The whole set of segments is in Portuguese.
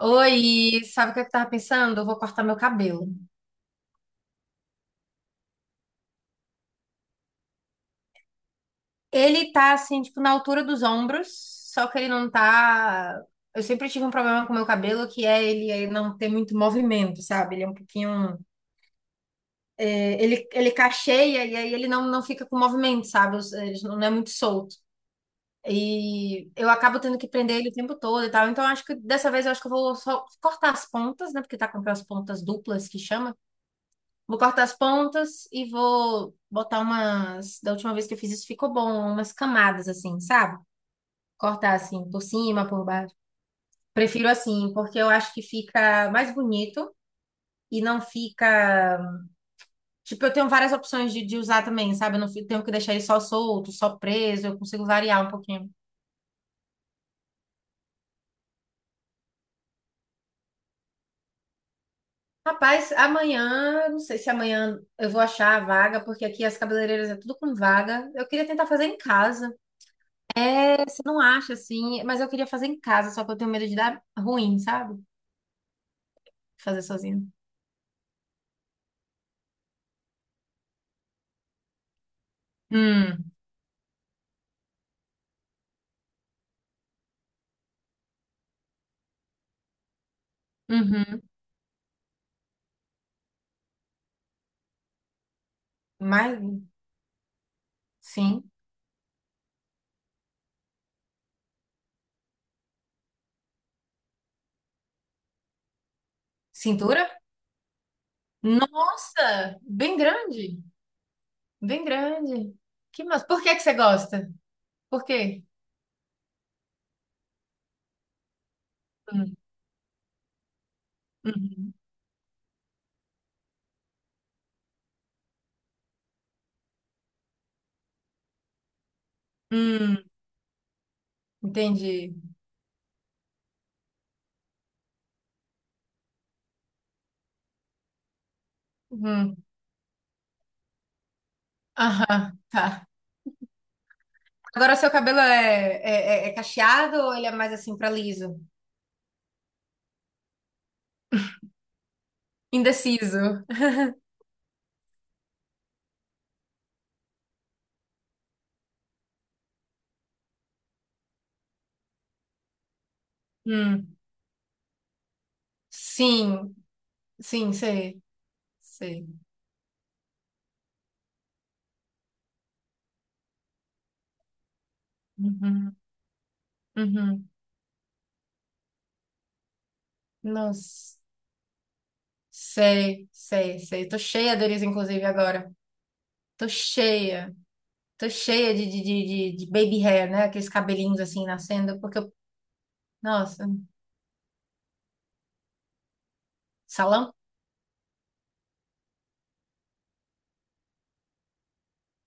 Oi, sabe o que eu tava pensando? Eu vou cortar meu cabelo. Ele tá assim, tipo, na altura dos ombros, só que ele não tá. Eu sempre tive um problema com meu cabelo, que é ele não ter muito movimento, sabe? Ele é um pouquinho. É, ele cacheia e aí ele não fica com movimento, sabe? Ele não é muito solto. E eu acabo tendo que prender ele o tempo todo e tal. Então, eu acho que eu vou só cortar as pontas, né? Porque tá com aquelas pontas duplas que chama. Vou cortar as pontas e vou botar umas. Da última vez que eu fiz isso, ficou bom, umas camadas assim, sabe? Cortar assim, por cima, por baixo. Prefiro assim, porque eu acho que fica mais bonito e não fica. Tipo, eu tenho várias opções de usar também, sabe? Eu não fico- Tenho que deixar ele só solto, só preso, eu consigo variar um pouquinho. Rapaz, amanhã, não sei se amanhã eu vou achar a vaga, porque aqui as cabeleireiras é tudo com vaga. Eu queria tentar fazer em casa. Você não acha assim, mas eu queria fazer em casa, só que eu tenho medo de dar ruim, sabe? Fazer sozinho. Hum, uhum. Mas, sim. Cintura? Nossa, bem grande, bem grande. Que mas por que que você gosta? Por quê? Hum, hum, Hum, entendi. Hum, aham, tá. Agora seu cabelo é, é, é cacheado ou ele é mais assim pra liso? Indeciso. Hum, sim, sim, sei, sei. Uhum, uhum. Nossa, sei, sei, sei. Tô cheia deles, inclusive, agora. Tô cheia. Tô cheia de baby hair, né? Aqueles cabelinhos assim nascendo, porque eu... Nossa, salão?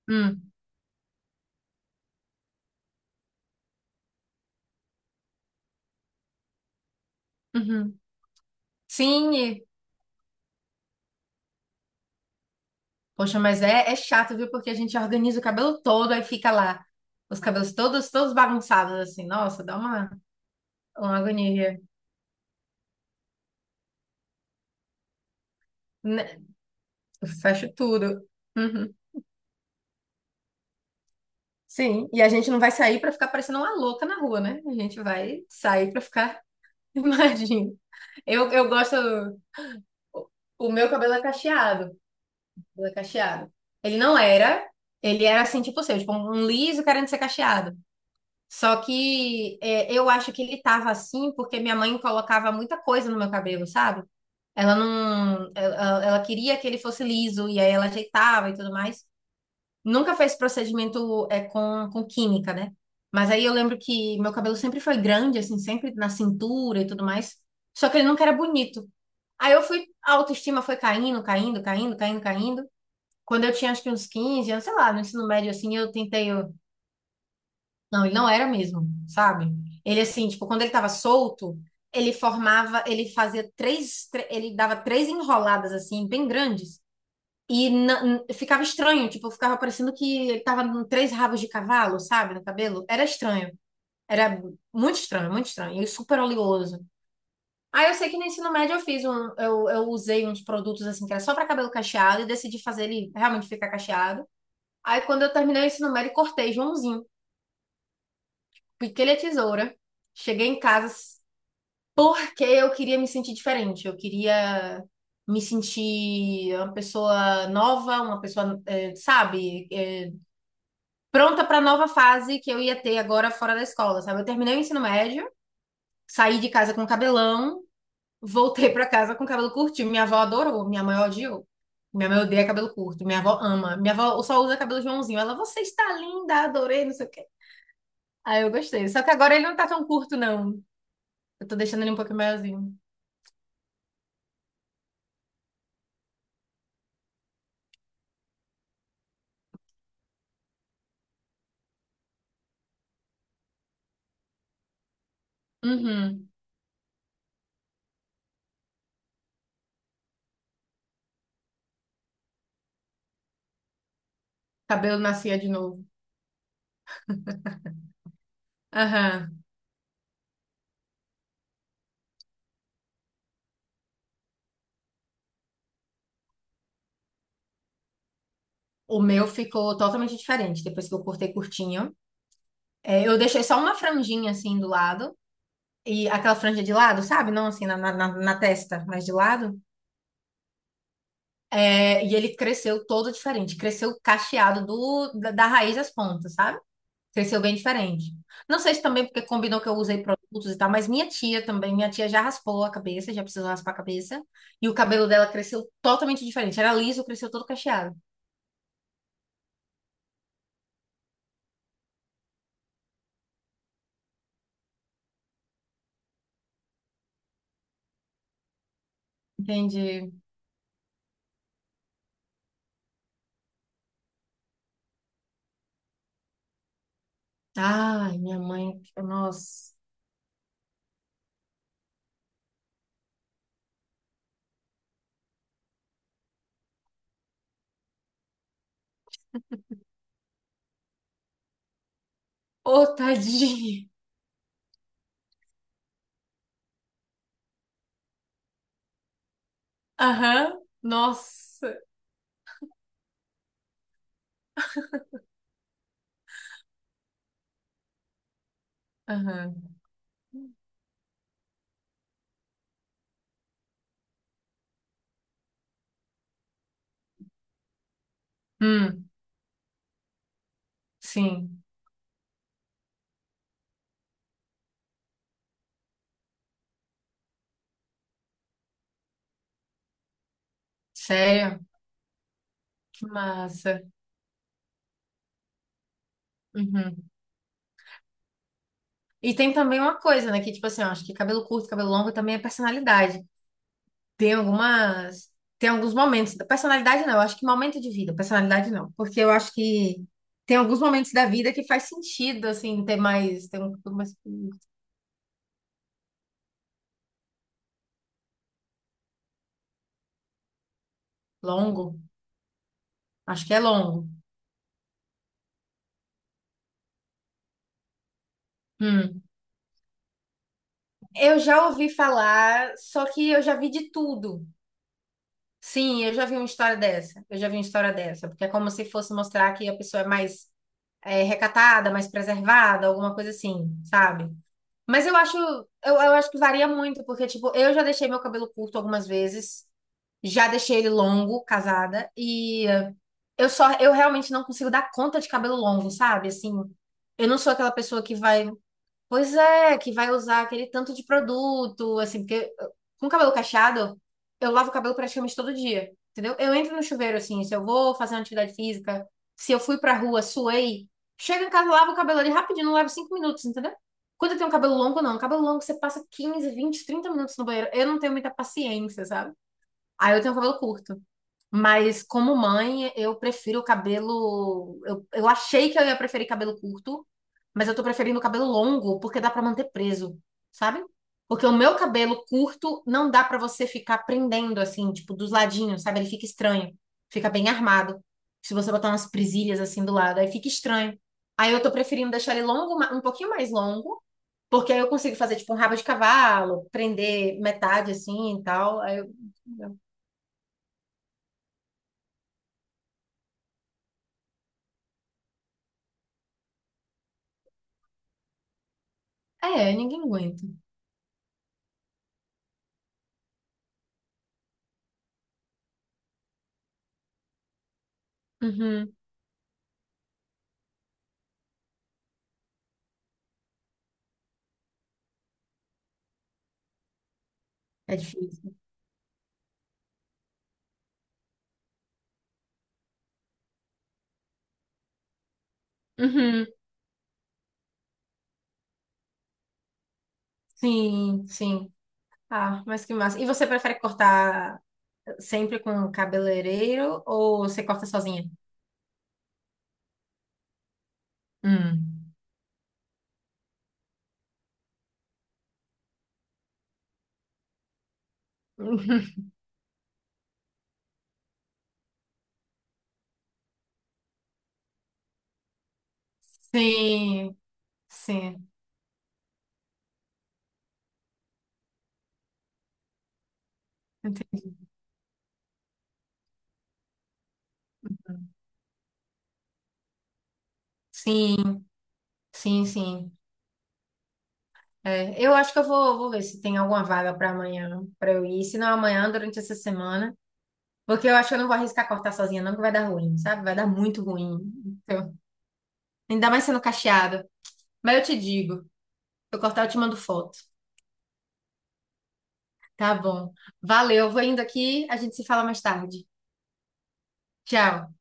Hum, uhum. Sim, poxa, mas é, é chato, viu? Porque a gente organiza o cabelo todo, aí fica lá. Os cabelos todos bagunçados, assim. Nossa, dá uma agonia. Né? Eu fecho tudo. Uhum. Sim, e a gente não vai sair pra ficar parecendo uma louca na rua, né? A gente vai sair pra ficar imagino. Eu gosto. O o meu cabelo é cacheado. Cabelo é cacheado. Ele não era. Ele era assim, tipo o seu, tipo um liso querendo ser cacheado. Só que é, eu acho que ele tava assim porque minha mãe colocava muita coisa no meu cabelo, sabe? Ela não. Ela queria que ele fosse liso e aí ela ajeitava e tudo mais. Nunca fez procedimento é, com química, né? Mas aí eu lembro que meu cabelo sempre foi grande, assim, sempre na cintura e tudo mais. Só que ele nunca era bonito. Aí eu fui, a autoestima foi caindo, caindo, caindo, caindo, caindo. Quando eu tinha acho que uns 15, eu sei lá, no ensino médio assim, eu... Não, ele não era mesmo, sabe? Ele assim, tipo, quando ele tava solto, ele formava, ele dava três enroladas assim, bem grandes. E ficava estranho, tipo, ficava parecendo que ele tava com três rabos de cavalo, sabe, no cabelo. Era estranho. Era muito estranho, muito estranho. E super oleoso. Aí eu sei que no ensino médio eu fiz um, eu usei uns produtos assim que era só para cabelo cacheado e decidi fazer ele realmente ficar cacheado. Aí quando eu terminei o ensino médio, cortei Joãozinho, piquei a tesoura, cheguei em casa porque eu queria me sentir diferente, eu queria me sentir uma pessoa nova, uma pessoa, sabe, pronta para a nova fase que eu ia ter agora fora da escola, sabe? Eu terminei o ensino médio, saí de casa com cabelão, voltei pra casa com cabelo curtinho. Minha avó adorou, minha mãe odiou. Minha mãe odeia cabelo curto, minha avó ama. Minha avó só usa cabelo Joãozinho. Ela, você está linda, adorei, não sei o quê. Aí eu gostei. Só que agora ele não tá tão curto, não. Eu tô deixando ele um pouquinho maiorzinho. Uhum. Cabelo nascia de novo. Aham. O meu ficou totalmente diferente depois que eu cortei curtinho. É, eu deixei só uma franjinha assim do lado. E aquela franja de lado, sabe? Não assim na testa, mas de lado. É, e ele cresceu todo diferente, cresceu cacheado da raiz às pontas, sabe? Cresceu bem diferente. Não sei se também porque combinou que eu usei produtos e tal, mas minha tia também, minha tia já raspou a cabeça, já precisou raspar a cabeça, e o cabelo dela cresceu totalmente diferente. Era liso, cresceu todo cacheado. Entendi. Ai, minha mãe, nossa. Ô, tadinha. Aham, nossa. Aham. Hum, sim. Sério? Que massa. Uhum. E tem também uma coisa, né? Que, tipo assim, eu acho que cabelo curto, cabelo longo também é personalidade. Tem algumas. Tem alguns momentos. Personalidade não, eu acho que momento de vida, personalidade não. Porque eu acho que tem alguns momentos da vida que faz sentido, assim, ter mais. Ter um cabelo mais longo. Acho que é longo. Hum. Eu já ouvi falar, só que eu já vi de tudo. Sim, eu já vi uma história dessa. Eu já vi uma história dessa. Porque é como se fosse mostrar que a pessoa é mais. Eh, recatada, mais preservada, alguma coisa assim, sabe? Mas eu acho, eu acho que varia muito, porque, tipo, eu já deixei meu cabelo curto algumas vezes, já deixei ele longo, casada, e eh, eu realmente não consigo dar conta de cabelo longo, sabe? Assim, eu não sou aquela pessoa que vai. Pois é, que vai usar aquele tanto de produto, assim, com cabelo cacheado, eu lavo o cabelo praticamente todo dia, entendeu? Eu entro no chuveiro, assim, se eu vou fazer uma atividade física, se eu fui pra rua, suei, chego em casa, lavo o cabelo ali rapidinho, não levo 5 minutos, entendeu? Quando eu tenho um cabelo longo, não. Cabelo longo, você passa 15, 20, 30 minutos no banheiro. Eu não tenho muita paciência, sabe? Aí eu tenho um cabelo curto. Mas como mãe, eu prefiro o cabelo. Eu achei que eu ia preferir cabelo curto, mas eu tô preferindo cabelo longo, porque dá pra manter preso, sabe? Porque o meu cabelo curto não dá pra você ficar prendendo assim, tipo, dos ladinhos, sabe? Ele fica estranho, fica bem armado. Se você botar umas presilhas assim do lado, aí fica estranho. Aí eu tô preferindo deixar ele longo, um pouquinho mais longo, porque aí eu consigo fazer tipo um rabo de cavalo, prender metade assim e tal. Aí eu... É, ninguém aguenta. Uhum. É difícil. Uhum. Sim, sim. Ah, mas que massa. E você prefere cortar sempre com cabeleireiro ou você corta sozinha? Hum. Sim, sim. Entendi. Sim, sim, sim. É, eu acho que eu vou, vou ver se tem alguma vaga para amanhã, para eu ir. Se não amanhã, durante essa semana. Porque eu acho que eu não vou arriscar cortar sozinha, não, que vai dar ruim, sabe? Vai dar muito ruim. Então, ainda mais sendo cacheado. Mas eu te digo, se eu cortar, eu te mando foto. Tá bom. Valeu, vou indo aqui, a gente se fala mais tarde. Tchau.